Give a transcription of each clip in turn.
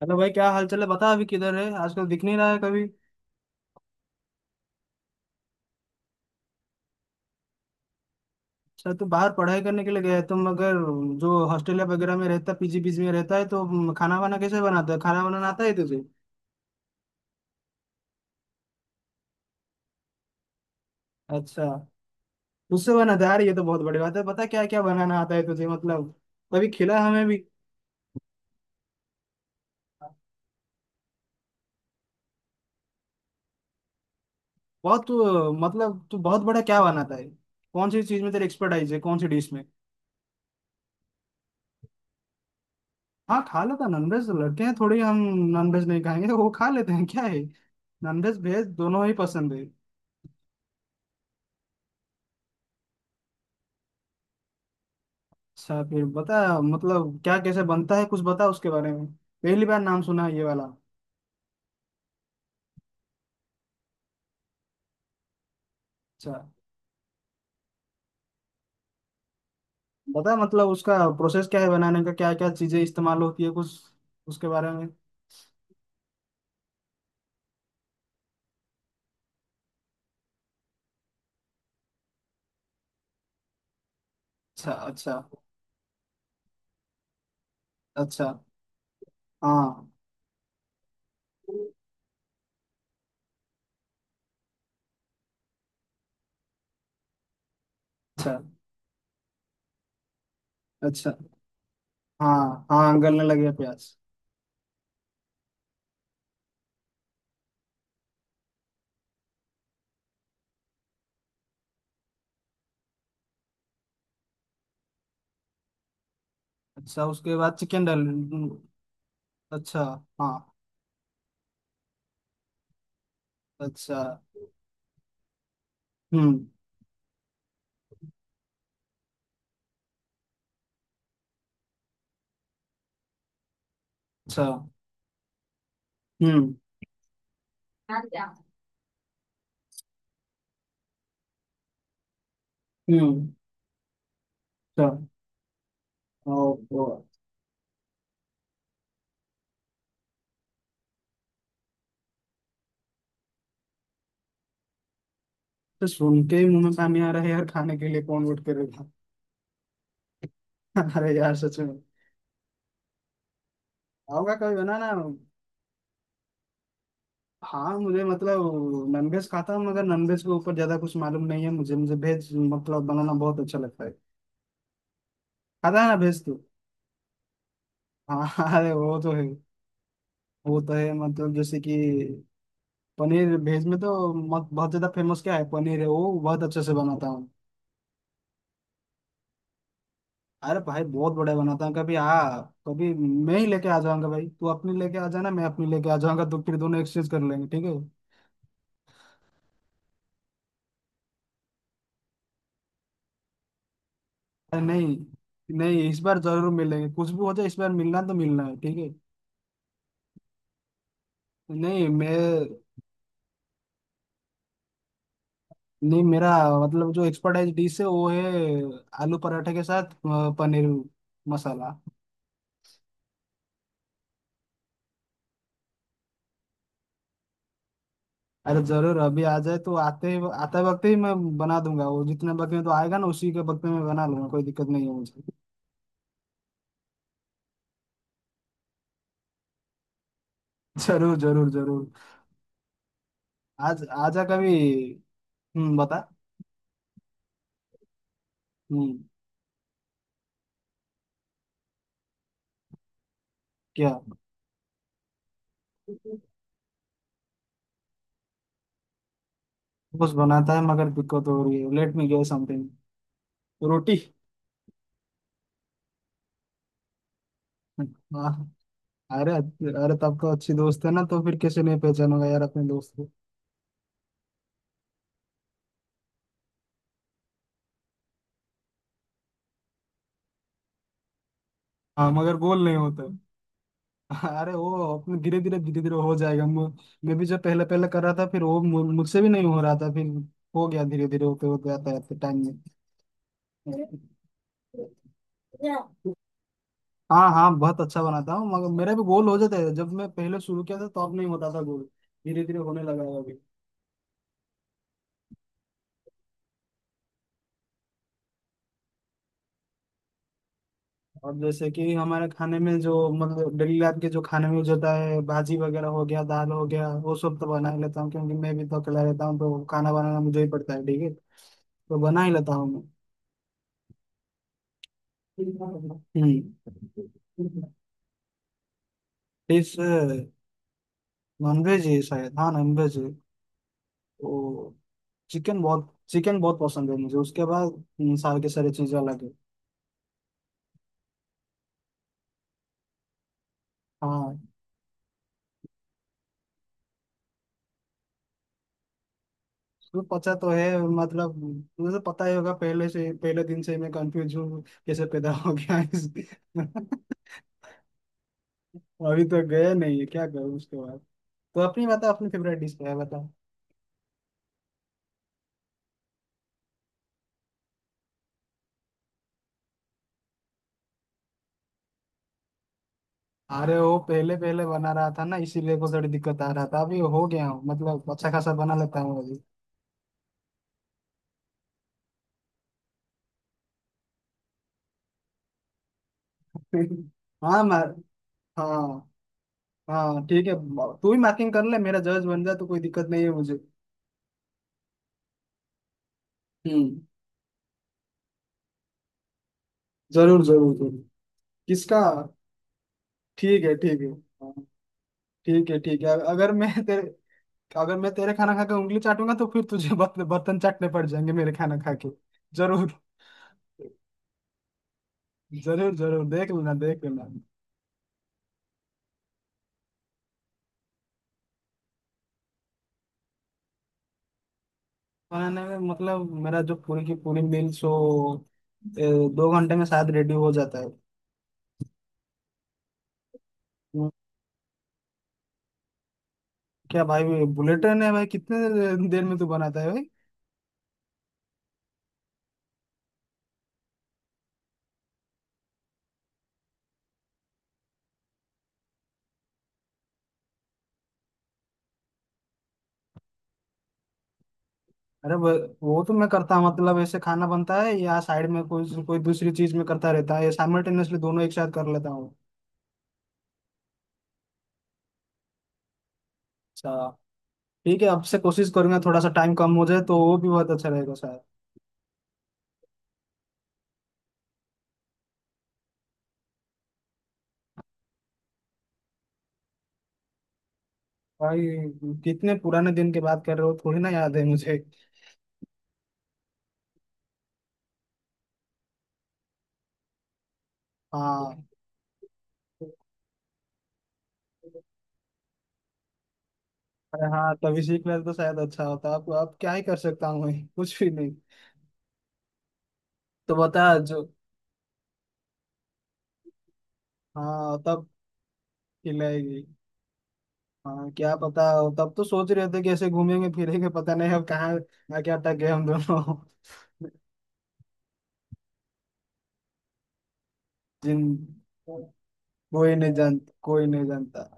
Hello भाई, क्या हाल चाल है? बता अभी किधर है, आजकल दिख नहीं रहा है कभी। शायद तू बाहर पढ़ाई करने के लिए गया है। तुम अगर जो हॉस्टल या वगैरह में रहता, पीजी पीजी में रहता है तो खाना वाना कैसे बनाता है? खाना बनाना आता है तुझे? अच्छा। उससे बनाता है यार, ये तो बहुत बड़ी बात है। पता क्या क्या बनाना आता है तुझे? मतलब कभी खिला हमें भी। बहुत तू मतलब तू बहुत बड़ा क्या बनाता है? कौन सी चीज में तेरी एक्सपर्टाइज है, कौन सी डिश में? हाँ खा लेता नॉनवेज, लड़के हैं थोड़ी हम नॉनवेज नहीं खाएंगे, वो खा लेते हैं क्या है। नॉनवेज भेज दोनों ही पसंद है। अच्छा फिर बता मतलब, क्या कैसे बनता है? कुछ बता उसके बारे में, पहली बार नाम सुना है ये वाला। अच्छा बता मतलब उसका प्रोसेस क्या है बनाने का? क्या क्या चीजें इस्तेमाल होती है कुछ उसके बारे में? अच्छा, अच्छा। अच्छा। हाँ। अच्छा। अच्छा। हाँ हाँ, गलने लगे प्याज। अच्छा, उसके बाद चिकन डाल। अच्छा। हाँ। अच्छा। हम्म। अच्छा। हम्म। हम्म। अच्छा। ओह, ओह। तो सुन के ही मुंह में पानी आ रहा है यार, खाने के लिए कौन उठ के रहेगा। अरे यार सच में। होगा कभी बनाना। हाँ मुझे मतलब, नॉनवेज खाता हूँ मगर नॉनवेज के ऊपर ज्यादा कुछ मालूम नहीं है मुझे मुझे वेज मतलब बनाना बहुत अच्छा लगता है। खाता है ना वेज तो। हाँ हाँ, अरे वो तो है। वो तो है मतलब जैसे कि, पनीर वेज में तो मत, बहुत ज्यादा फेमस क्या है, पनीर है वो बहुत अच्छे से बनाता हूँ। अरे भाई बहुत बढ़िया बनाता हूँ, कभी आ। कभी मैं ही लेके आ जाऊंगा भाई, तू अपनी लेके आ जाना, मैं अपनी लेके आ जाऊंगा, तो फिर दोनों एक्सचेंज कर लेंगे ठीक है। अरे नहीं नहीं, इस बार जरूर मिलेंगे, कुछ भी हो जाए इस बार मिलना तो मिलना है ठीक है। नहीं मैं नहीं मेरा मतलब, जो एक्सपर्टाइज डिश है वो है, आलू पराठे के साथ पनीर मसाला। अरे जरूर, अभी आ जाए तो आते वक्त ही मैं बना दूंगा वो, जितने वक्त में तो आएगा ना उसी के वक्त में मैं बना लूंगा, कोई दिक्कत नहीं है मुझे। जरूर जरूर जरूर। आज आजा कभी। हम्म, बता। हम्म। क्या? कुछ बनाता है मगर दिक्कत हो रही है? Let me guess something. Roti. हाँ। अरे अरे, तब तो अच्छी दोस्त है ना, तो फिर कैसे नहीं पहचानूंगा यार अपने दोस्त। हाँ मगर गोल नहीं होता। अरे वो अपने धीरे धीरे धीरे धीरे हो जाएगा। मैं भी जब पहले पहले कर रहा था फिर वो मुझसे भी नहीं हो रहा था, फिर हो गया धीरे धीरे, होते होते आता है टाइम में। हाँ हाँ, बहुत अच्छा बनाता हूँ मगर मेरे भी गोल हो जाते हैं। जब मैं पहले शुरू किया था तो अब नहीं होता था गोल, धीरे धीरे होने लगा है अभी। और जैसे कि हमारे खाने में जो मतलब डेली लाइफ के जो खाने में यूज होता है, भाजी वगैरह हो गया, दाल हो गया, वो सब तो बना ही लेता हूँ, क्योंकि मैं भी तो अकेला रहता हूँ तो खाना बनाना मुझे ही पड़ता है ठीक है, तो बना ही लेता हूँ मैं। हम्म, डिश नॉनवेज ही है शायद, हाँ नॉनवेज है वो। चिकन बहुत पसंद है मुझे उसके बाद। सारे के सारे चीज़ अलग है। हाँ वो पता तो है मतलब, मुझे तो पता ही होगा पहले दिन से मैं कंफ्यूज हूँ, कैसे पैदा हो गया इस। अभी तो गए नहीं है क्या करूँ? उसके बाद तो अपनी बता, अपनी फेवरेट डिश क्या है बता। अरे वो पहले पहले बना रहा था ना इसीलिए को थोड़ी दिक्कत आ रहा था, अभी हो गया हूँ मतलब अच्छा खासा बना लेता हूँ अभी। हाँ मार। हाँ हाँ ठीक है, तू भी मार्किंग कर ले मेरा जज बन जा, तो कोई दिक्कत नहीं है मुझे। हम्म, जरूर जरूर जरूर। किसका? ठीक है, ठीक है। ठीक है, ठीक है। अगर मैं तेरे खाना खा के उंगली चाटूंगा, तो फिर तुझे बर्तन चाटने पड़ जाएंगे मेरे खाना खा के। जरूर जरूर जरूर, देख लेना देख लेना। बनाने में मतलब, मेरा जो पूरी की पूरी मील सो 2 घंटे में शायद रेडी हो जाता है। हम्म, क्या भाई, बुलेट ट्रेन है भाई? कितने देर में तू बनाता है भाई? अरे वो तो मैं करता हूँ मतलब ऐसे खाना बनता है या साइड में कोई कोई दूसरी चीज में करता रहता है, या साइमल्टेनियसली दोनों एक साथ कर लेता हूँ। अच्छा। ठीक है, आपसे कोशिश करूंगा थोड़ा सा टाइम कम हो जाए, तो वो भी बहुत अच्छा रहेगा शायद। भाई कितने पुराने दिन की बात कर रहे हो, थोड़ी ना याद है मुझे। हाँ। अरे हाँ, तभी सीख लेते तो शायद अच्छा होता। आप क्या ही कर सकता हूँ मैं, कुछ भी नहीं। तो बता जो। हाँ तब। खिलाएगी, हाँ क्या पता। तब तो सोच रहे थे कि ऐसे घूमेंगे फिरेंगे, पता नहीं अब कहाँ ना क्या अटक गए हम दोनों। जिन कोई नहीं जानता, कोई नहीं जानता।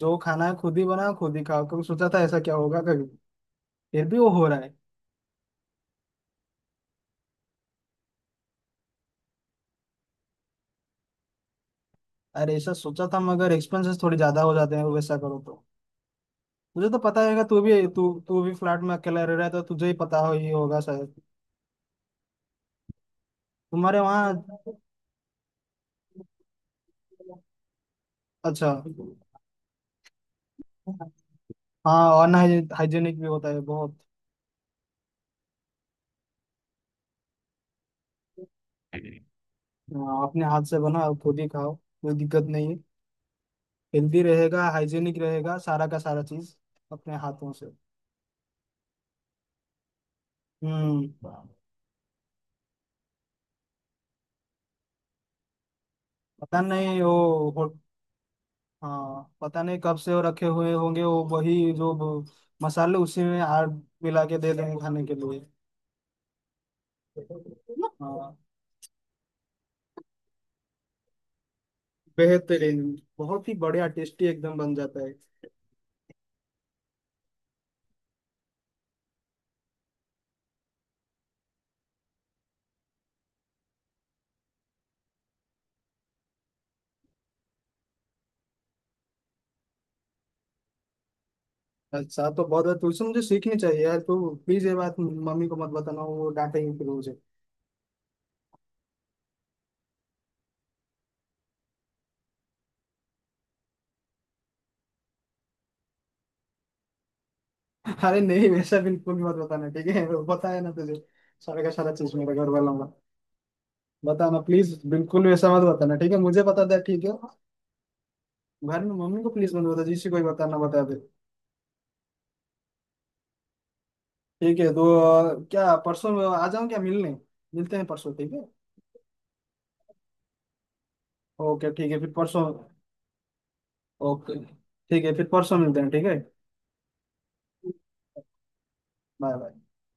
जो खाना है खुद ही बनाओ खुद ही खाओ, कभी सोचा था ऐसा क्या होगा कभी? फिर भी वो हो रहा है। अरे ऐसा सोचा था मगर एक्सपेंसेस थोड़ी ज्यादा हो जाते हैं वैसा करो तो। मुझे तो पता है, तू भी फ्लैट में अकेला रह रहा है तो तुझे ही पता हो ही होगा शायद। तुम्हारे वहाँ। अच्छा। हाँ, अनहाइजेनिक भी होता है बहुत। हाँ, अपने हाथ से बनाओ खुद ही खाओ, कोई दिक्कत नहीं है। हेल्दी रहेगा, हाइजेनिक रहेगा, सारा का सारा चीज, अपने हाथों से। हम्म, पता नहीं वो। हाँ पता नहीं कब से वो रखे हुए होंगे, वो वही जो ब- मसाले उसी में आड़ मिला के दे देंगे खाने के लिए। हाँ, बेहतरीन, बहुत ही बढ़िया टेस्टी एकदम बन जाता है। अच्छा तो बहुत है, तुझसे मुझे सीखनी चाहिए यार। तू प्लीज ये बात मम्मी को मत बताना, वो डांटेंगे फिर मुझे। अरे नहीं, वैसा बिल्कुल भी मत बताना ठीक है? वो बताया ना तुझे, सारा का सारा चीज मेरे घर वालों का बताना प्लीज, बिल्कुल वैसा मत बताना ठीक है, मुझे बता दे ठीक है। घर में मम्मी को प्लीज मत बता, जिसी को भी बताना बता दे। ठीक है। तो क्या परसों आ जाऊँ क्या मिलने? मिलते हैं परसों ठीक है। ओके ठीक है फिर परसों। ओके ठीक है फिर परसों मिलते हैं ठीक है। Bye bye.